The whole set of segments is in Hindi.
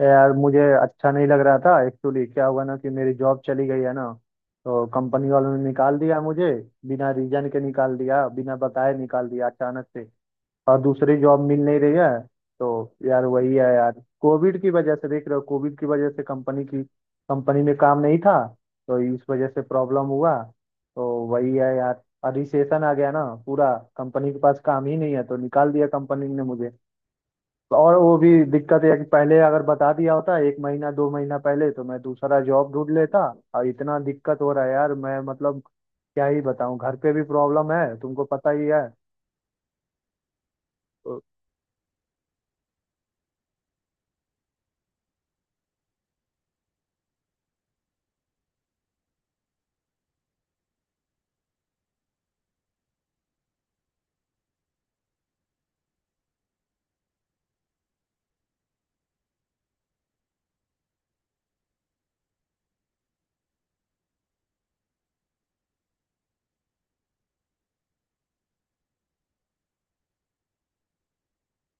यार मुझे अच्छा नहीं लग रहा था एक्चुअली। क्या हुआ ना कि मेरी जॉब चली गई है ना, तो कंपनी वालों ने निकाल दिया मुझे। बिना रीजन के निकाल दिया, बिना बताए निकाल दिया, अचानक से। और दूसरी जॉब मिल नहीं रही है। तो यार वही है यार, कोविड की वजह से, देख रहे हो कोविड की वजह से कंपनी की कंपनी में काम नहीं था, तो इस वजह से प्रॉब्लम हुआ। तो वही है यार, और रिसेशन आ गया ना, पूरा कंपनी के पास काम ही नहीं है तो निकाल दिया कंपनी ने मुझे। और वो भी दिक्कत है कि पहले अगर बता दिया होता 1 महीना 2 महीना पहले, तो मैं दूसरा जॉब ढूंढ लेता। और इतना दिक्कत हो रहा है यार, मैं मतलब क्या ही बताऊं, घर पे भी प्रॉब्लम है, तुमको पता ही है। तो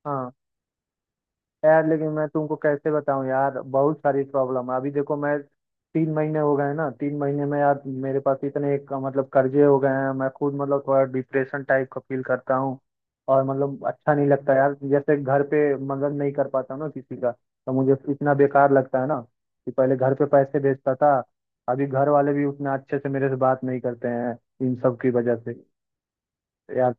हाँ। यार लेकिन मैं तुमको कैसे बताऊं यार, बहुत सारी प्रॉब्लम है अभी, देखो मैं 3 महीने हो गए हैं ना, 3 महीने में यार मेरे पास इतने मतलब कर्जे हो गए हैं। मैं खुद मतलब थोड़ा डिप्रेशन टाइप का फील करता हूँ, और मतलब अच्छा नहीं लगता यार। जैसे घर पे मदद नहीं कर पाता हूं ना किसी का, तो मुझे इतना बेकार लगता है ना, कि पहले घर पे पैसे भेजता था, अभी घर वाले भी उतना अच्छे से मेरे से बात नहीं करते हैं, इन सब की वजह से। यार।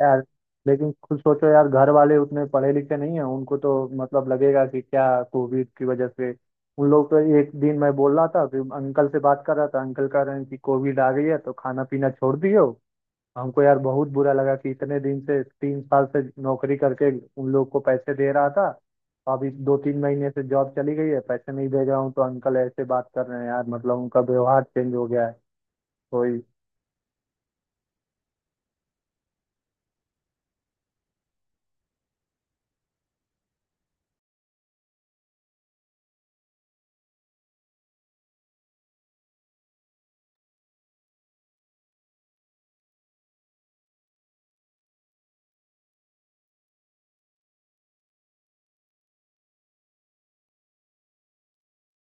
यार लेकिन खुद सोचो यार, घर वाले उतने पढ़े लिखे नहीं है, उनको तो मतलब लगेगा कि क्या कोविड की वजह से। उन लोग तो एक दिन मैं बोल रहा था कि अंकल से बात कर रहा था, अंकल कह रहे हैं कि कोविड आ गई है तो खाना पीना छोड़ दियो। हमको यार बहुत बुरा लगा कि इतने दिन से, 3 साल से नौकरी करके उन लोग को पैसे दे रहा था, अभी 2-3 महीने से जॉब चली गई है, पैसे नहीं दे रहा हूँ, तो अंकल ऐसे बात कर रहे हैं यार, मतलब उनका व्यवहार चेंज हो गया है। कोई।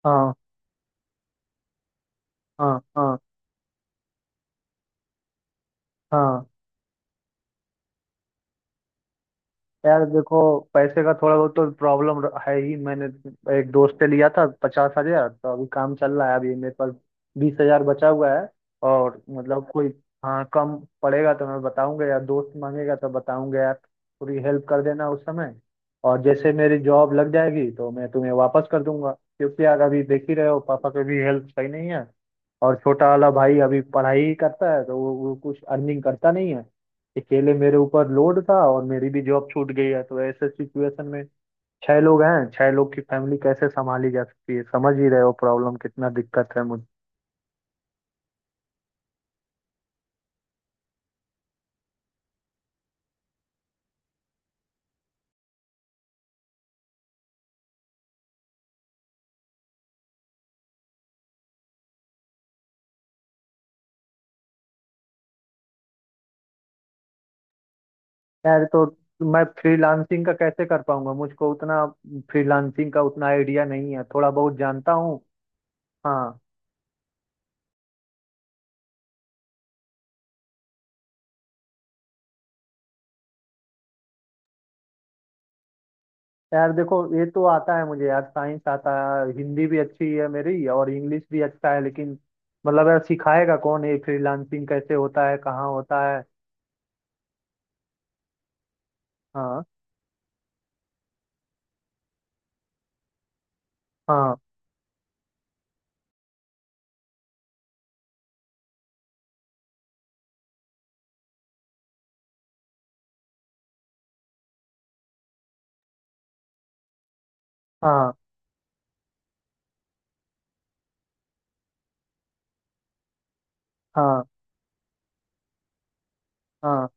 हाँ हाँ। हाँ हाँ। यार देखो, पैसे का थोड़ा बहुत तो प्रॉब्लम है ही। मैंने एक दोस्त से लिया था 50,000, तो अभी काम चल रहा है। अभी मेरे पास 20,000 बचा हुआ है, और मतलब कोई। हाँ, कम पड़ेगा तो मैं बताऊंगा यार, दोस्त मांगेगा तो बताऊंगा यार, पूरी हेल्प कर देना उस समय। और जैसे मेरी जॉब लग जाएगी तो मैं तुम्हें वापस कर दूंगा, क्योंकि यार अभी देख ही रहे हो, पापा की भी हेल्प सही नहीं है, और छोटा वाला भाई अभी पढ़ाई ही करता है, तो वो कुछ अर्निंग करता नहीं है। अकेले मेरे ऊपर लोड था, और मेरी भी जॉब छूट गई है, तो ऐसे सिचुएशन में 6 लोग हैं, 6 लोग की फैमिली कैसे संभाली जा सकती है, समझ ही रहे हो प्रॉब्लम कितना दिक्कत है मुझे। यार तो मैं फ्रीलांसिंग का कैसे कर पाऊंगा, मुझको उतना फ्रीलांसिंग का उतना आइडिया नहीं है, थोड़ा बहुत जानता हूँ। हाँ। यार देखो ये तो आता है मुझे यार, साइंस आता है, हिंदी भी अच्छी है मेरी, और इंग्लिश भी अच्छा है, लेकिन मतलब यार सिखाएगा कौन, ये फ्रीलांसिंग कैसे होता है, कहाँ होता है। हाँ। हाँ। हाँ। हाँ। हाँ।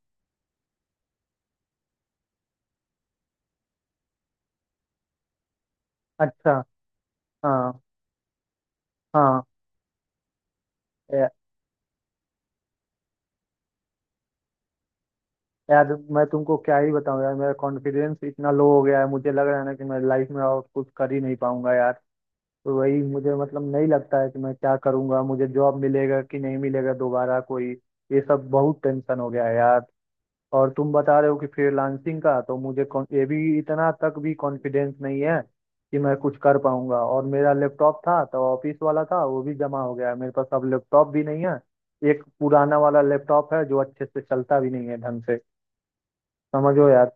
अच्छा। हाँ। हाँ। या- यार मैं तुमको क्या ही बताऊं यार, मेरा कॉन्फिडेंस इतना लो हो गया है, मुझे लग रहा है ना कि मैं लाइफ में और कुछ कर ही नहीं पाऊंगा यार। तो वही, मुझे मतलब नहीं लगता है कि मैं क्या करूंगा, मुझे जॉब मिलेगा कि नहीं मिलेगा दोबारा कोई, ये सब बहुत टेंशन हो गया है यार। और तुम बता रहे हो कि फ्रीलांसिंग का, तो मुझे ये भी इतना तक भी कॉन्फिडेंस नहीं है कि मैं कुछ कर पाऊंगा। और मेरा लैपटॉप था तो ऑफिस वाला था, वो भी जमा हो गया है। मेरे पास अब लैपटॉप भी नहीं है, एक पुराना वाला लैपटॉप है जो अच्छे से चलता भी नहीं है ढंग से, समझो यार।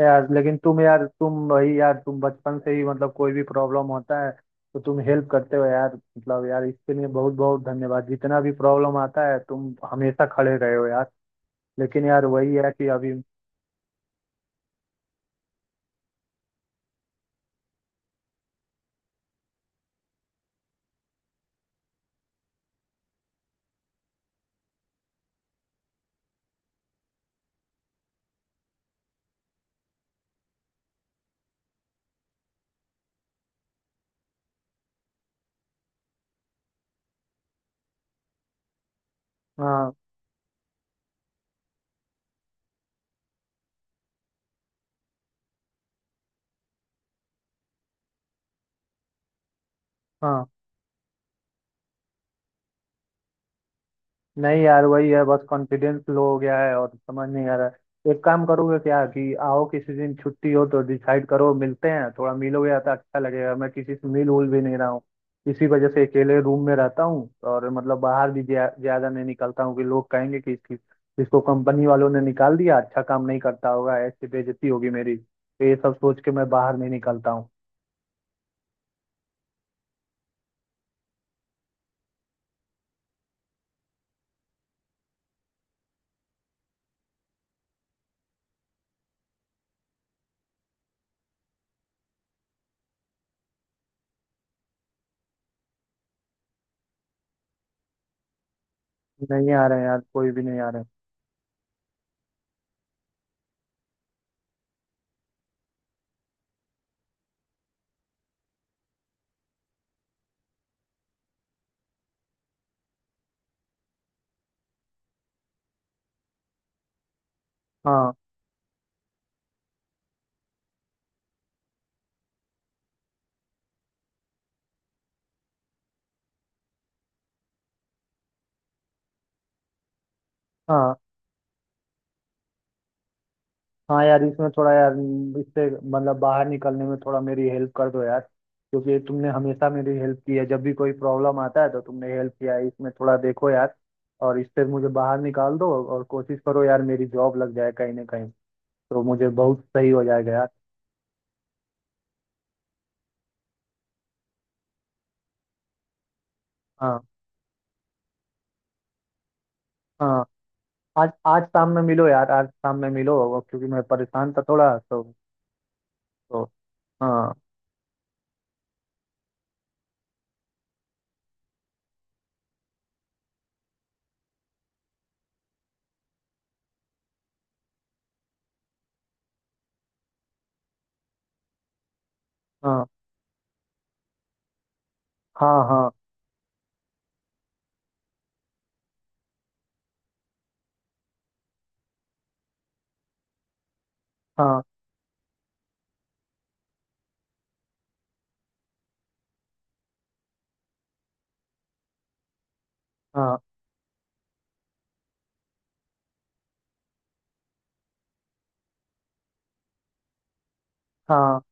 यार लेकिन तुम यार, तुम भाई यार, तुम बचपन से ही मतलब कोई भी प्रॉब्लम होता है तो तुम हेल्प करते हो यार, मतलब यार इसके लिए बहुत बहुत धन्यवाद, जितना भी प्रॉब्लम आता है तुम हमेशा खड़े रहे हो यार। लेकिन यार वही है कि अभी। हाँ। हाँ। नहीं यार वही है, बस कॉन्फिडेंस लो हो गया है, और समझ नहीं आ रहा है। एक काम करोगे क्या, कि आओ किसी दिन छुट्टी हो तो डिसाइड करो, मिलते हैं थोड़ा, मिलोगे या तो अच्छा लगेगा, मैं किसी से मिल उल भी नहीं रहा हूँ इसी वजह से, अकेले रूम में रहता हूँ, और मतलब बाहर भी ज्यादा नहीं निकलता हूँ, कि लोग कहेंगे कि इसकी, इसको कंपनी वालों ने निकाल दिया, अच्छा काम नहीं करता होगा, ऐसी बेइज्जती होगी मेरी, तो ये सब सोच के मैं बाहर नहीं निकलता हूँ। नहीं आ रहे हैं यार, कोई भी नहीं आ रहे। हाँ। हाँ। हाँ यार इसमें थोड़ा यार इससे मतलब बाहर निकलने में थोड़ा मेरी हेल्प कर दो यार, क्योंकि तुमने हमेशा मेरी हेल्प की है, जब भी कोई प्रॉब्लम आता है तो तुमने हेल्प किया है, इसमें थोड़ा देखो यार, और इससे मुझे बाहर निकाल दो, और कोशिश करो यार मेरी जॉब लग जाए कहीं ना कहीं, तो मुझे बहुत सही हो जाएगा यार। हाँ। हाँ। आज आज शाम में मिलो यार, आज शाम में मिलो, और क्योंकि मैं परेशान था थोड़ा तो। तो हाँ। हाँ। हाँ। हाँ। हाँ। हाँ। हाँ।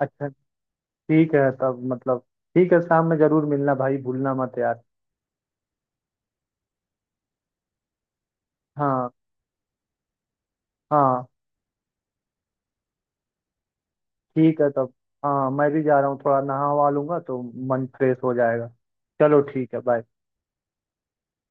अच्छा। ठीक है, तब मतलब ठीक है, शाम में जरूर मिलना भाई, भूलना मत यार। हाँ। हाँ। ठीक है तब। हाँ मैं भी जा रहा हूँ, थोड़ा नहा वहा लूंगा तो मन फ्रेश हो जाएगा। चलो ठीक है, बाय।